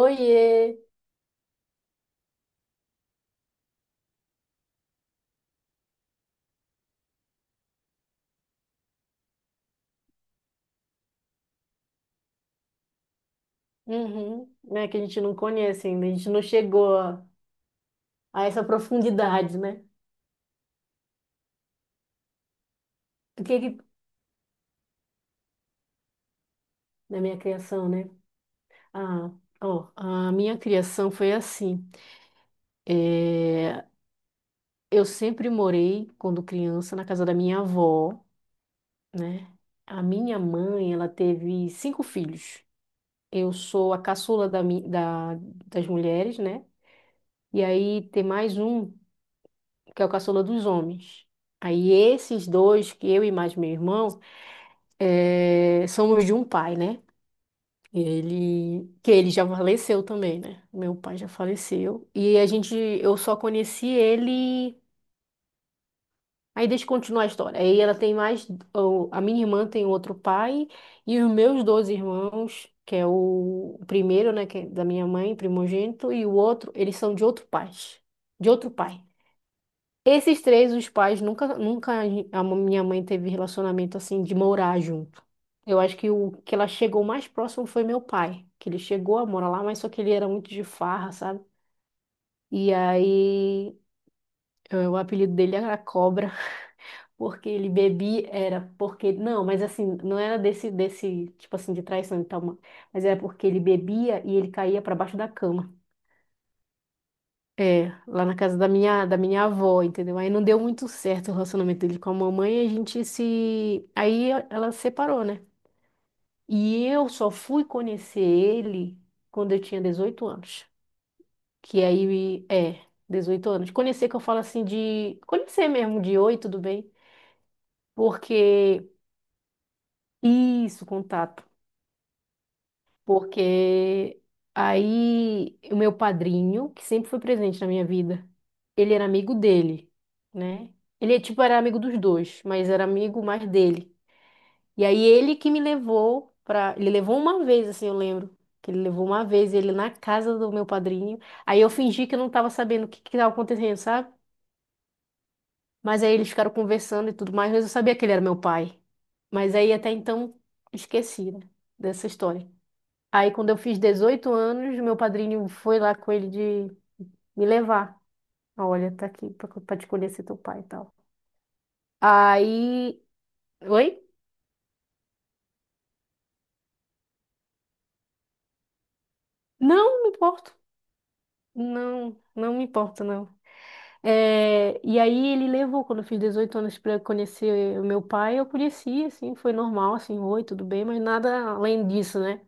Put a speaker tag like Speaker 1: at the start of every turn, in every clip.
Speaker 1: Oiê! Uhum. Né, que a gente não conhece ainda, a gente não chegou a essa profundidade, né? O que que... Da minha criação, né? Ah, ó, a minha criação foi assim. É, eu sempre morei, quando criança, na casa da minha avó, né? A minha mãe, ela teve cinco filhos. Eu sou a caçula das mulheres, né? E aí tem mais um, que é o caçula dos homens. Aí esses dois, que eu e mais meu irmão, é, somos de um pai, né? Ele já faleceu também, né? Meu pai já faleceu. E a gente, eu só conheci ele. Aí deixa eu continuar a história. Aí ela tem mais, a minha irmã tem outro pai e os meus dois irmãos, que é o primeiro, né, que é da minha mãe, primogênito, e o outro, eles são de outro pai, de outro pai. Esses três, os pais nunca, nunca a minha mãe teve relacionamento assim de morar junto. Eu acho que o que ela chegou mais próximo foi meu pai, que ele chegou a morar lá, mas só que ele era muito de farra, sabe? E aí, o apelido dele era Cobra, porque ele bebia, era porque, não, mas assim, não era desse tipo assim, de traição e tal, mas era porque ele bebia e ele caía pra baixo da cama. É, lá na casa da minha avó, entendeu? Aí não deu muito certo o relacionamento dele com a mamãe, a gente se... Aí ela separou, né? E eu só fui conhecer ele quando eu tinha 18 anos. Que aí, é, 18 anos. Conhecer que eu falo assim de... Conhecer mesmo, de oi, tudo bem? Porque... Isso, contato. Porque aí o meu padrinho, que sempre foi presente na minha vida, ele era amigo dele, né? Ele, tipo, era amigo dos dois, mas era amigo mais dele. E aí ele que me levou pra. Ele levou uma vez, assim, eu lembro. Que ele levou uma vez ele na casa do meu padrinho. Aí eu fingi que eu não tava sabendo o que que tava acontecendo, sabe? Mas aí eles ficaram conversando e tudo mais, mas eu sabia que ele era meu pai. Mas aí até então esqueci, né, dessa história. Aí quando eu fiz 18 anos, meu padrinho foi lá com ele de me levar. Olha, tá aqui pra te conhecer teu pai e tal. Aí. Oi? Não, não me importo. Não, não me importa, não. É, e aí ele levou, quando eu fiz 18 anos para conhecer o meu pai, eu conheci, assim, foi normal, assim, oi, tudo bem, mas nada além disso, né?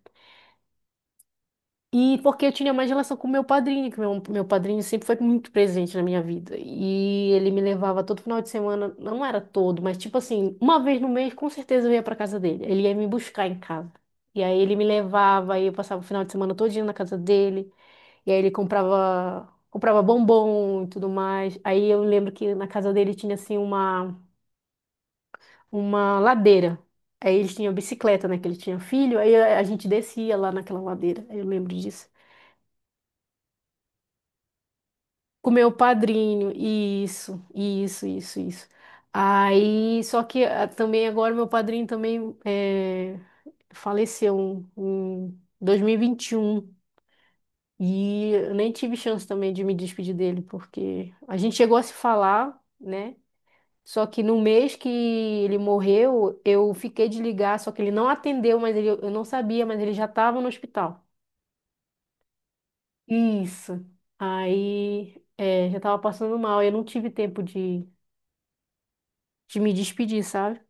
Speaker 1: E porque eu tinha mais relação com o meu padrinho, que meu padrinho sempre foi muito presente na minha vida. E ele me levava todo final de semana, não era todo, mas tipo assim, uma vez no mês, com certeza eu ia para casa dele. Ele ia me buscar em casa. E aí ele me levava, aí eu passava o final de semana todinho na casa dele. E aí ele comprava, comprava bombom e tudo mais. Aí eu lembro que na casa dele tinha assim uma ladeira. Aí eles tinham bicicleta, né? Que ele tinha filho. Aí a gente descia lá naquela ladeira. Eu lembro disso. Com meu padrinho. Isso, isso, isso, isso. Aí, só que ah, também agora meu padrinho também é, faleceu em 2021. E vinte e um. E eu nem tive chance também de me despedir dele, porque a gente chegou a se falar, né? Só que no mês que ele morreu, eu fiquei de ligar, só que ele não atendeu, mas ele, eu não sabia, mas ele já estava no hospital. Isso. Aí, é, já estava passando mal, eu não tive tempo de me despedir, sabe?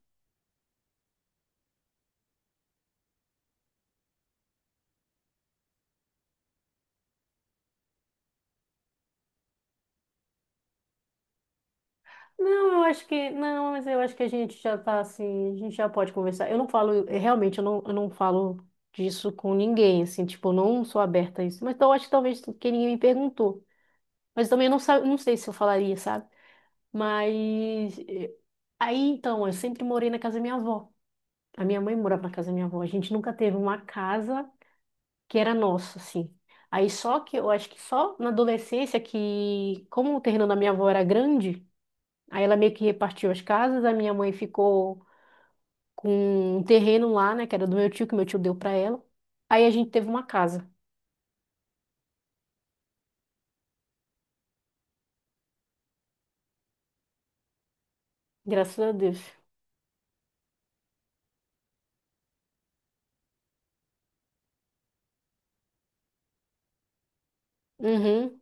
Speaker 1: Não, eu acho que, não, mas eu acho que a gente já tá assim, a gente já pode conversar. Eu não falo, realmente, eu não falo disso com ninguém, assim, tipo, eu não sou aberta a isso. Mas então, eu acho que talvez porque ninguém me perguntou. Mas também eu não, sa- não sei se eu falaria, sabe? Mas aí então, eu sempre morei na casa da minha avó. A minha mãe morava na casa da minha avó. A gente nunca teve uma casa que era nossa, assim. Aí só que eu acho que só na adolescência que, como o terreno da minha avó era grande, aí ela meio que repartiu as casas, a minha mãe ficou com um terreno lá, né, que era do meu tio, que meu tio deu pra ela. Aí a gente teve uma casa, graças a Deus. Uhum.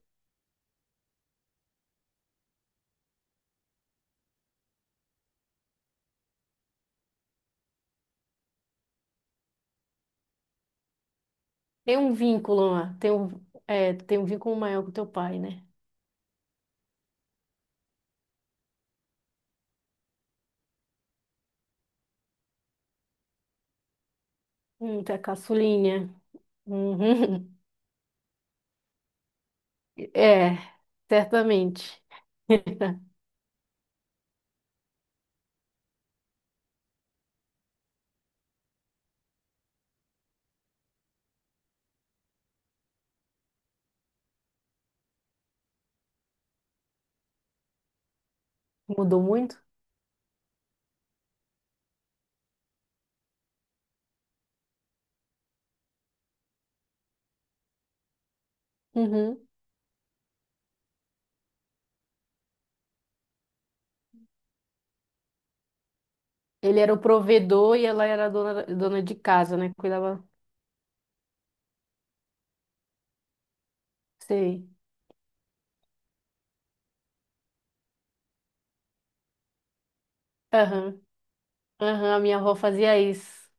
Speaker 1: Tem um vínculo lá, tem um, é, tem um vínculo maior com teu pai, né? Tá caçulinha. Uhum. É, certamente. Mudou muito? Uhum. Ele era o provedor e ela era a dona, dona de casa, né? Cuidava. Sei. Aham. Aham, a minha avó fazia isso.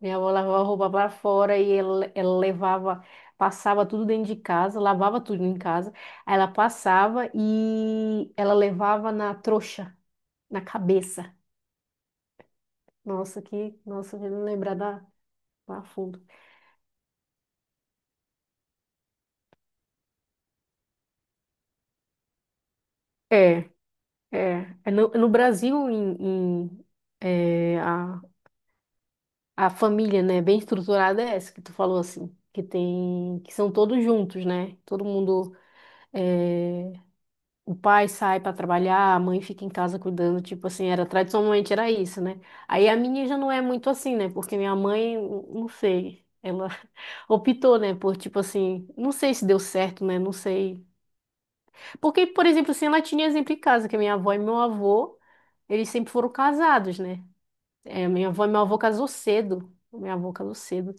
Speaker 1: Minha avó lavava a roupa para fora ela levava, passava tudo dentro de casa, lavava tudo em casa. Aí ela passava e ela levava na trouxa, na cabeça. Nossa, que. Nossa, eu não lembrar da, da fundo. É. É, é no Brasil, em, é, a, a família, né, bem estruturada é essa que tu falou assim, que tem, que são todos juntos, né? Todo mundo, é, o pai sai para trabalhar, a mãe fica em casa cuidando, tipo assim, era tradicionalmente era isso, né? Aí a minha já não é muito assim, né? Porque minha mãe, não sei, ela optou, né, por tipo assim, não sei se deu certo, né? Não sei. Porque, por exemplo, assim, ela tinha exemplo em casa, que minha avó e meu avô eles sempre foram casados, né? É, minha avó, meu avô casou cedo. Minha avó casou cedo.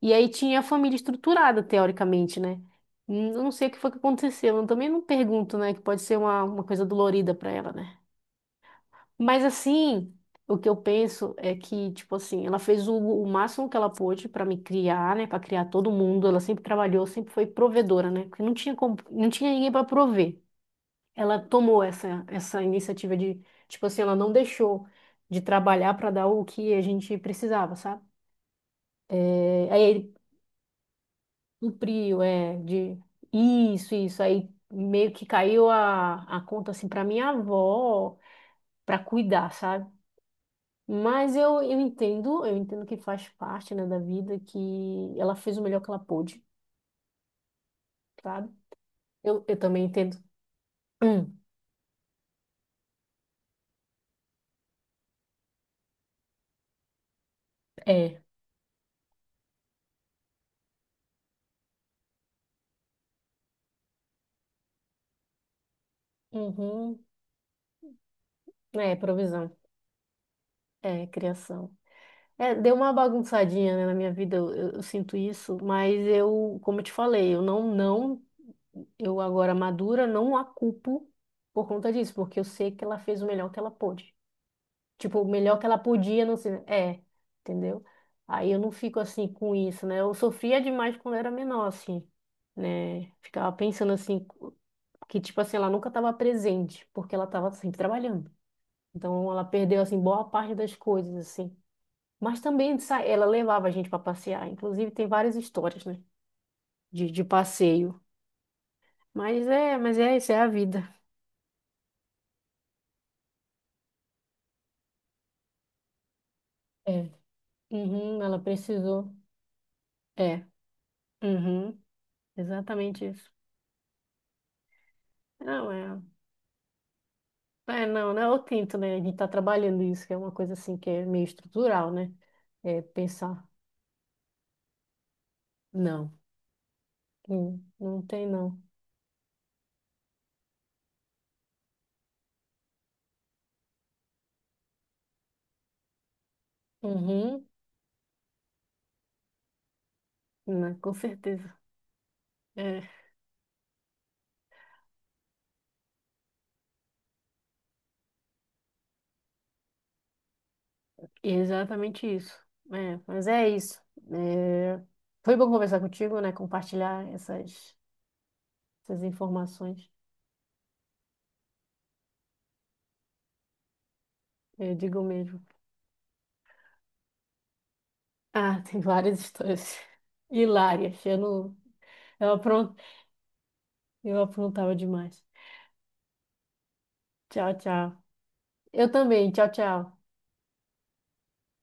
Speaker 1: E aí tinha a família estruturada, teoricamente, né? Eu não sei o que foi que aconteceu. Eu também não pergunto, né? Que pode ser uma coisa dolorida para ela, né? Mas assim, o que eu penso é que, tipo assim, ela fez o máximo que ela pôde para me criar, né? Para criar todo mundo. Ela sempre trabalhou, sempre foi provedora, né? Porque não tinha, não tinha ninguém para prover. Ela tomou essa iniciativa de, tipo assim, ela não deixou de trabalhar para dar o que a gente precisava, sabe? É, aí ele cumpriu, é, de isso, isso. Aí meio que caiu a conta, assim, para minha avó, para cuidar, sabe? Mas eu entendo que faz parte, né, da vida, que ela fez o melhor que ela pôde, sabe? Eu também entendo. Hum, é. Uhum. É, provisão. É, criação. É, deu uma bagunçadinha, né, na minha vida, eu sinto isso, mas eu, como eu te falei, eu não, não eu agora, madura, não a culpo por conta disso, porque eu sei que ela fez o melhor que ela pôde. Tipo, o melhor que ela podia, não sei. É, entendeu? Aí eu não fico assim com isso, né? Eu sofria demais quando era menor, assim, né? Ficava pensando assim, que tipo assim, ela nunca estava presente, porque ela estava sempre trabalhando. Então ela perdeu, assim, boa parte das coisas, assim. Mas também ela levava a gente para passear. Inclusive, tem várias histórias, né? De passeio. Mas é isso, é a vida. É. Uhum, ela precisou. É, uhum, exatamente isso. Não, é, é, não, não é o tinto, né? A gente tá trabalhando isso, que é uma coisa assim que é meio estrutural, né? É pensar, não, não tem não. Uhum, né, com certeza. É, exatamente isso. É, mas é isso. É, foi bom conversar contigo, né? Compartilhar essas, essas informações. Eu digo mesmo. Ah, tem várias histórias hilárias. Eu não, eu eu aprontava demais. Tchau, tchau. Eu também. Tchau, tchau.